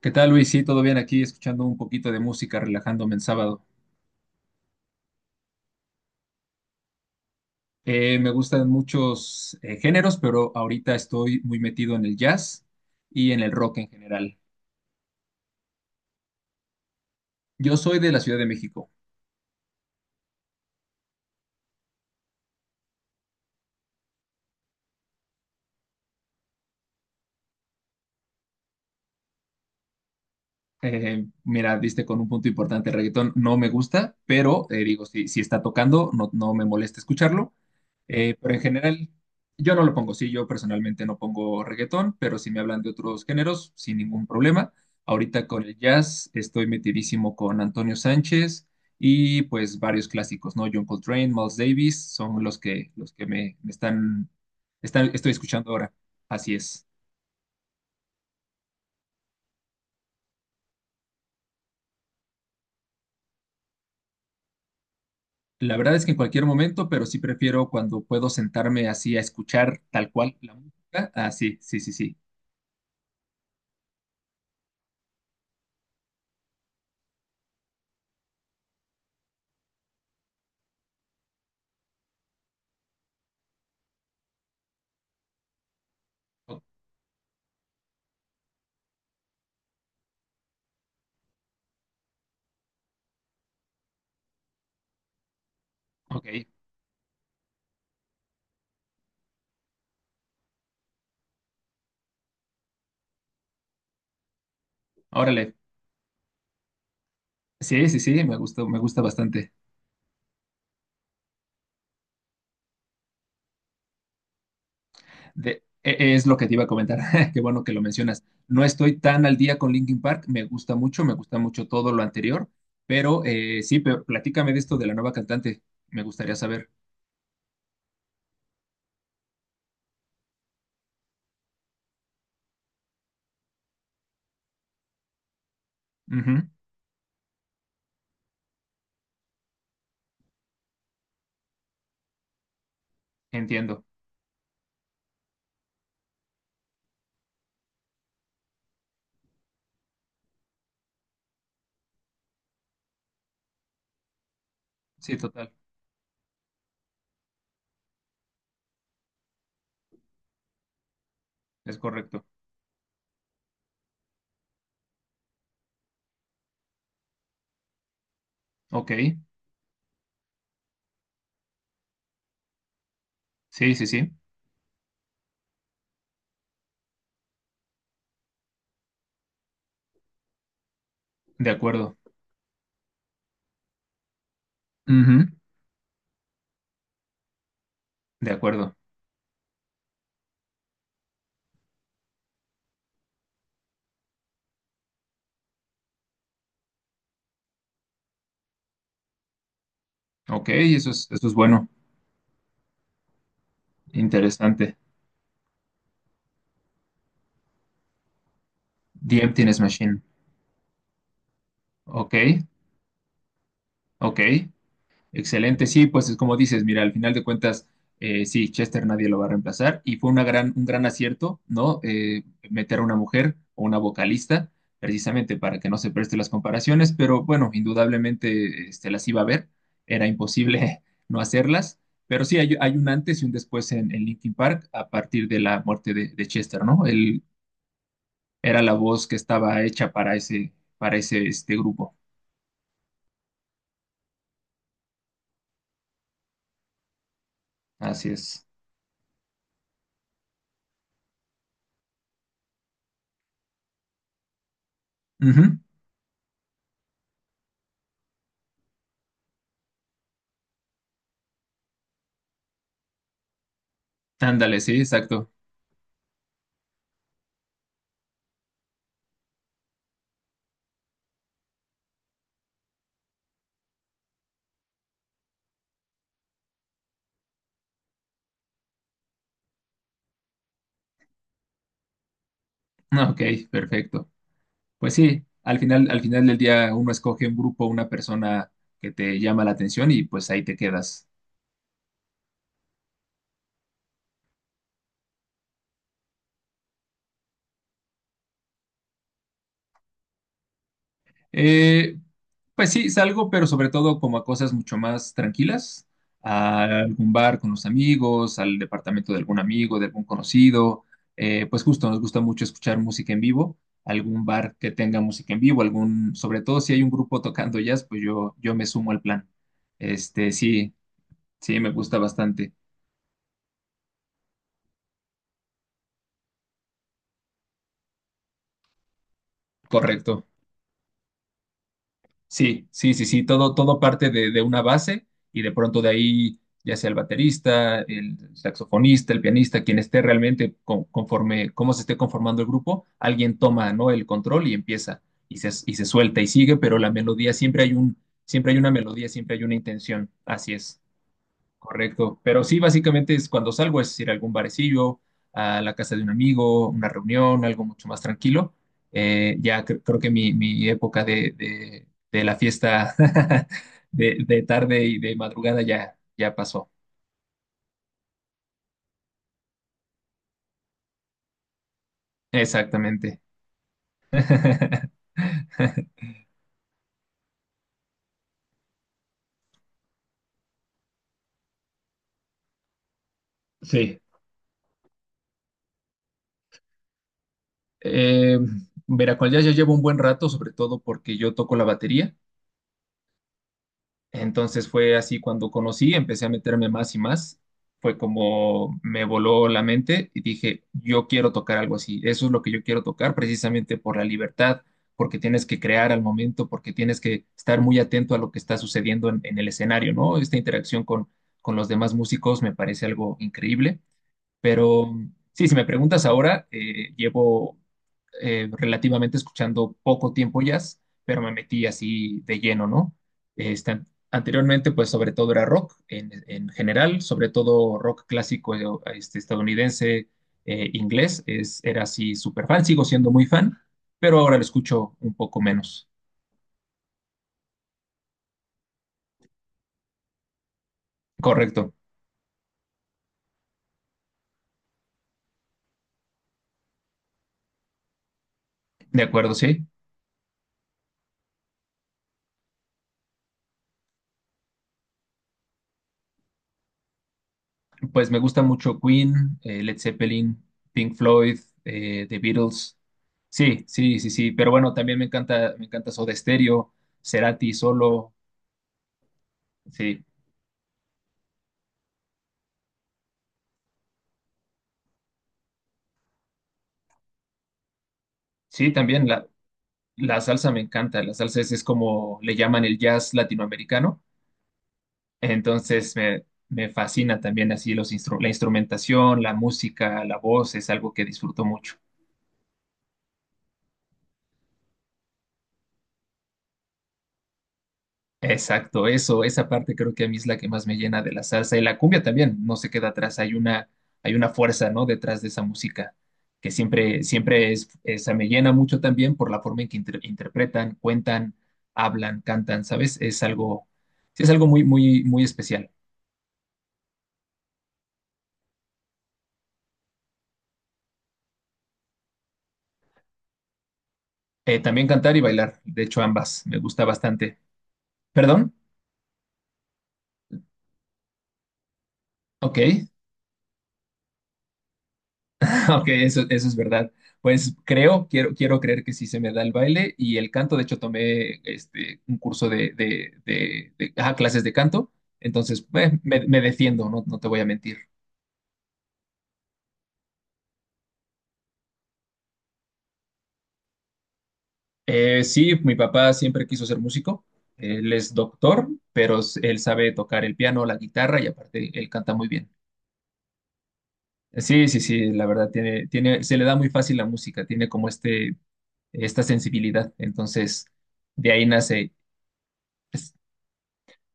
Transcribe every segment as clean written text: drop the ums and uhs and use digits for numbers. ¿Qué tal, Luis? Sí, todo bien aquí, escuchando un poquito de música, relajándome en sábado. Me gustan muchos géneros, pero ahorita estoy muy metido en el jazz y en el rock en general. Yo soy de la Ciudad de México. Mira, diste con un punto importante, el reggaetón no me gusta, pero digo, si está tocando, no, no me molesta escucharlo. Pero en general, yo no lo pongo, sí, yo personalmente no pongo reggaetón, pero si me hablan de otros géneros, sin ningún problema. Ahorita con el jazz estoy metidísimo con Antonio Sánchez y pues varios clásicos, ¿no? John Coltrane, Miles Davis, son los que me están, están, estoy escuchando ahora. Así es. La verdad es que en cualquier momento, pero sí prefiero cuando puedo sentarme así a escuchar tal cual la música. Ah, sí, sí, sí, sí. O- ok, órale. Sí, sí, sí, me gusta bastante. Es lo que te iba a comentar, qué bueno que lo mencionas. No estoy tan al día con Linkin Park, me gusta mucho todo lo anterior, pero sí, pero platícame de esto de la nueva cantante, me gustaría saber. Ujú, entiendo, sí, total, es correcto. Ok, sí, sí, sí, de acuerdo. Ujú, de acuerdo, ok, eso es bueno, interesante. The Emptiness Machine, ok, ok, excelente, sí, pues es como dices, mira, al final de cuentas, sí, Chester nadie lo va a reemplazar y fue una gran, un gran acierto, ¿no? Meter a una mujer o una vocalista, precisamente para que no se preste las comparaciones, pero bueno, indudablemente este, las iba a ver, era imposible no hacerlas, pero sí, hay un antes y un después en Linkin Park a partir de la muerte de Chester, ¿no? Él era la voz que estaba hecha para ese este grupo, así es. Ujú. Ándale, sí, exacto. Ok, perfecto. Pues sí, al final del día uno escoge un grupo, una persona que te llama la atención y pues ahí te quedas. Eh, pues sí, salgo, pero sobre todo como a cosas mucho más tranquilas, a algún bar con los amigos, al departamento de algún amigo, de algún conocido. Pues justo nos gusta mucho escuchar música en vivo, algún bar que tenga música en vivo, algún, sobre todo si hay un grupo tocando jazz, pues yo me sumo al plan. Este, sí, sí, me gusta bastante. Correcto. Sí, sí, sí, sí, todo, todo parte de una base y de pronto de ahí, ya sea el baterista, el saxofonista, el pianista, quien esté realmente conforme, cómo se esté conformando el grupo, alguien toma, ¿no? El control y empieza y se suelta y sigue, pero la melodía siempre hay un, siempre hay una melodía, siempre hay una intención. Así es. Correcto, pero sí, básicamente es cuando salgo, es ir a algún barecillo, a la casa de un amigo, una reunión, algo mucho más tranquilo. Ya creo que mi época de, de la fiesta de tarde y de madrugada ya, ya pasó. Exactamente. Sí. Eh, Veracruz ya, ya llevo un buen rato, sobre todo porque yo toco la batería. Entonces fue así cuando conocí, empecé a meterme más y más. Fue como me voló la mente y dije, yo quiero tocar algo así. Eso es lo que yo quiero tocar precisamente por la libertad, porque tienes que crear al momento, porque tienes que estar muy atento a lo que está sucediendo en el escenario, ¿no? Esta interacción con los demás músicos me parece algo increíble. Pero sí, si me preguntas ahora, llevo relativamente escuchando poco tiempo jazz, pero me metí así de lleno, ¿no? Este, anteriormente, pues sobre todo era rock en general, sobre todo rock clásico este, estadounidense, inglés, es, era así súper fan, sigo siendo muy fan, pero ahora lo escucho un poco menos. Correcto, de acuerdo, sí. Pues me gusta mucho Queen, Led Zeppelin, Pink Floyd, The Beatles. Sí, sí, sí, sí. Pero bueno, también me encanta Soda Stereo, Cerati solo. Sí, sí, también la salsa me encanta. La salsa es como le llaman el jazz latinoamericano. Entonces me fascina también así los la instrumentación, la música, la voz, es algo que disfruto mucho. Exacto, eso, esa parte creo que a mí es la que más me llena de la salsa y la cumbia también, no se queda atrás, hay una fuerza, ¿no? Detrás de esa música, que siempre, siempre es, esa me llena mucho también por la forma en que interpretan, cuentan, hablan, cantan, ¿sabes? Es algo, sí es algo muy, muy, muy especial. También cantar y bailar, de hecho ambas, me gusta bastante. ¿Perdón? Ok. Ok, eso es verdad. Pues creo, quiero, quiero creer que sí se me da el baile y el canto. De hecho, tomé este, un curso de, ajá, clases de canto. Entonces, me, me defiendo, no, no te voy a mentir. Sí, mi papá siempre quiso ser músico. Él es doctor, pero él sabe tocar el piano, la guitarra y aparte él canta muy bien. Sí, sí, sí, la verdad, tiene, tiene, se le da muy fácil la música, tiene como este, esta sensibilidad. Entonces, de ahí nace. Pues,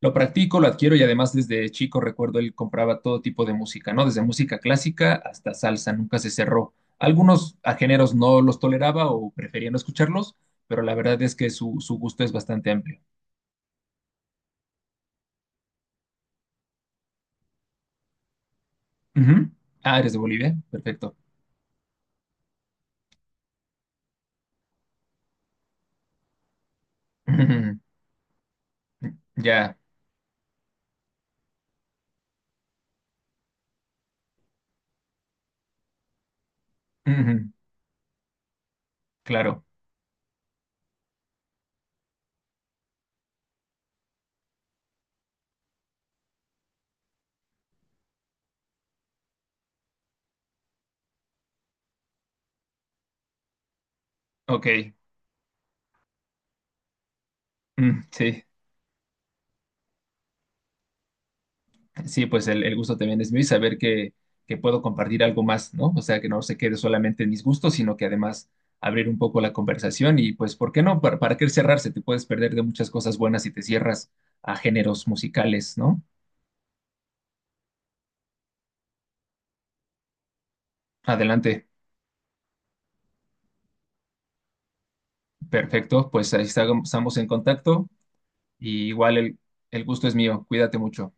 lo practico, lo adquiero y además desde chico recuerdo él compraba todo tipo de música, ¿no? Desde música clásica hasta salsa, nunca se cerró. Algunos a géneros no los toleraba o prefería no escucharlos, pero la verdad es que su gusto es bastante amplio. Ujú. Ah, eres de Bolivia, perfecto. Ujú. Ya, ujú. Claro, ok, mm, sí. Sí, pues el gusto también es mío y saber que puedo compartir algo más, ¿no? O sea, que no se quede solamente en mis gustos, sino que además abrir un poco la conversación y pues, ¿por qué no? Para qué cerrarse? Te puedes perder de muchas cosas buenas si te cierras a géneros musicales, ¿no? Adelante, perfecto, pues ahí estamos en contacto y igual el gusto es mío, cuídate mucho.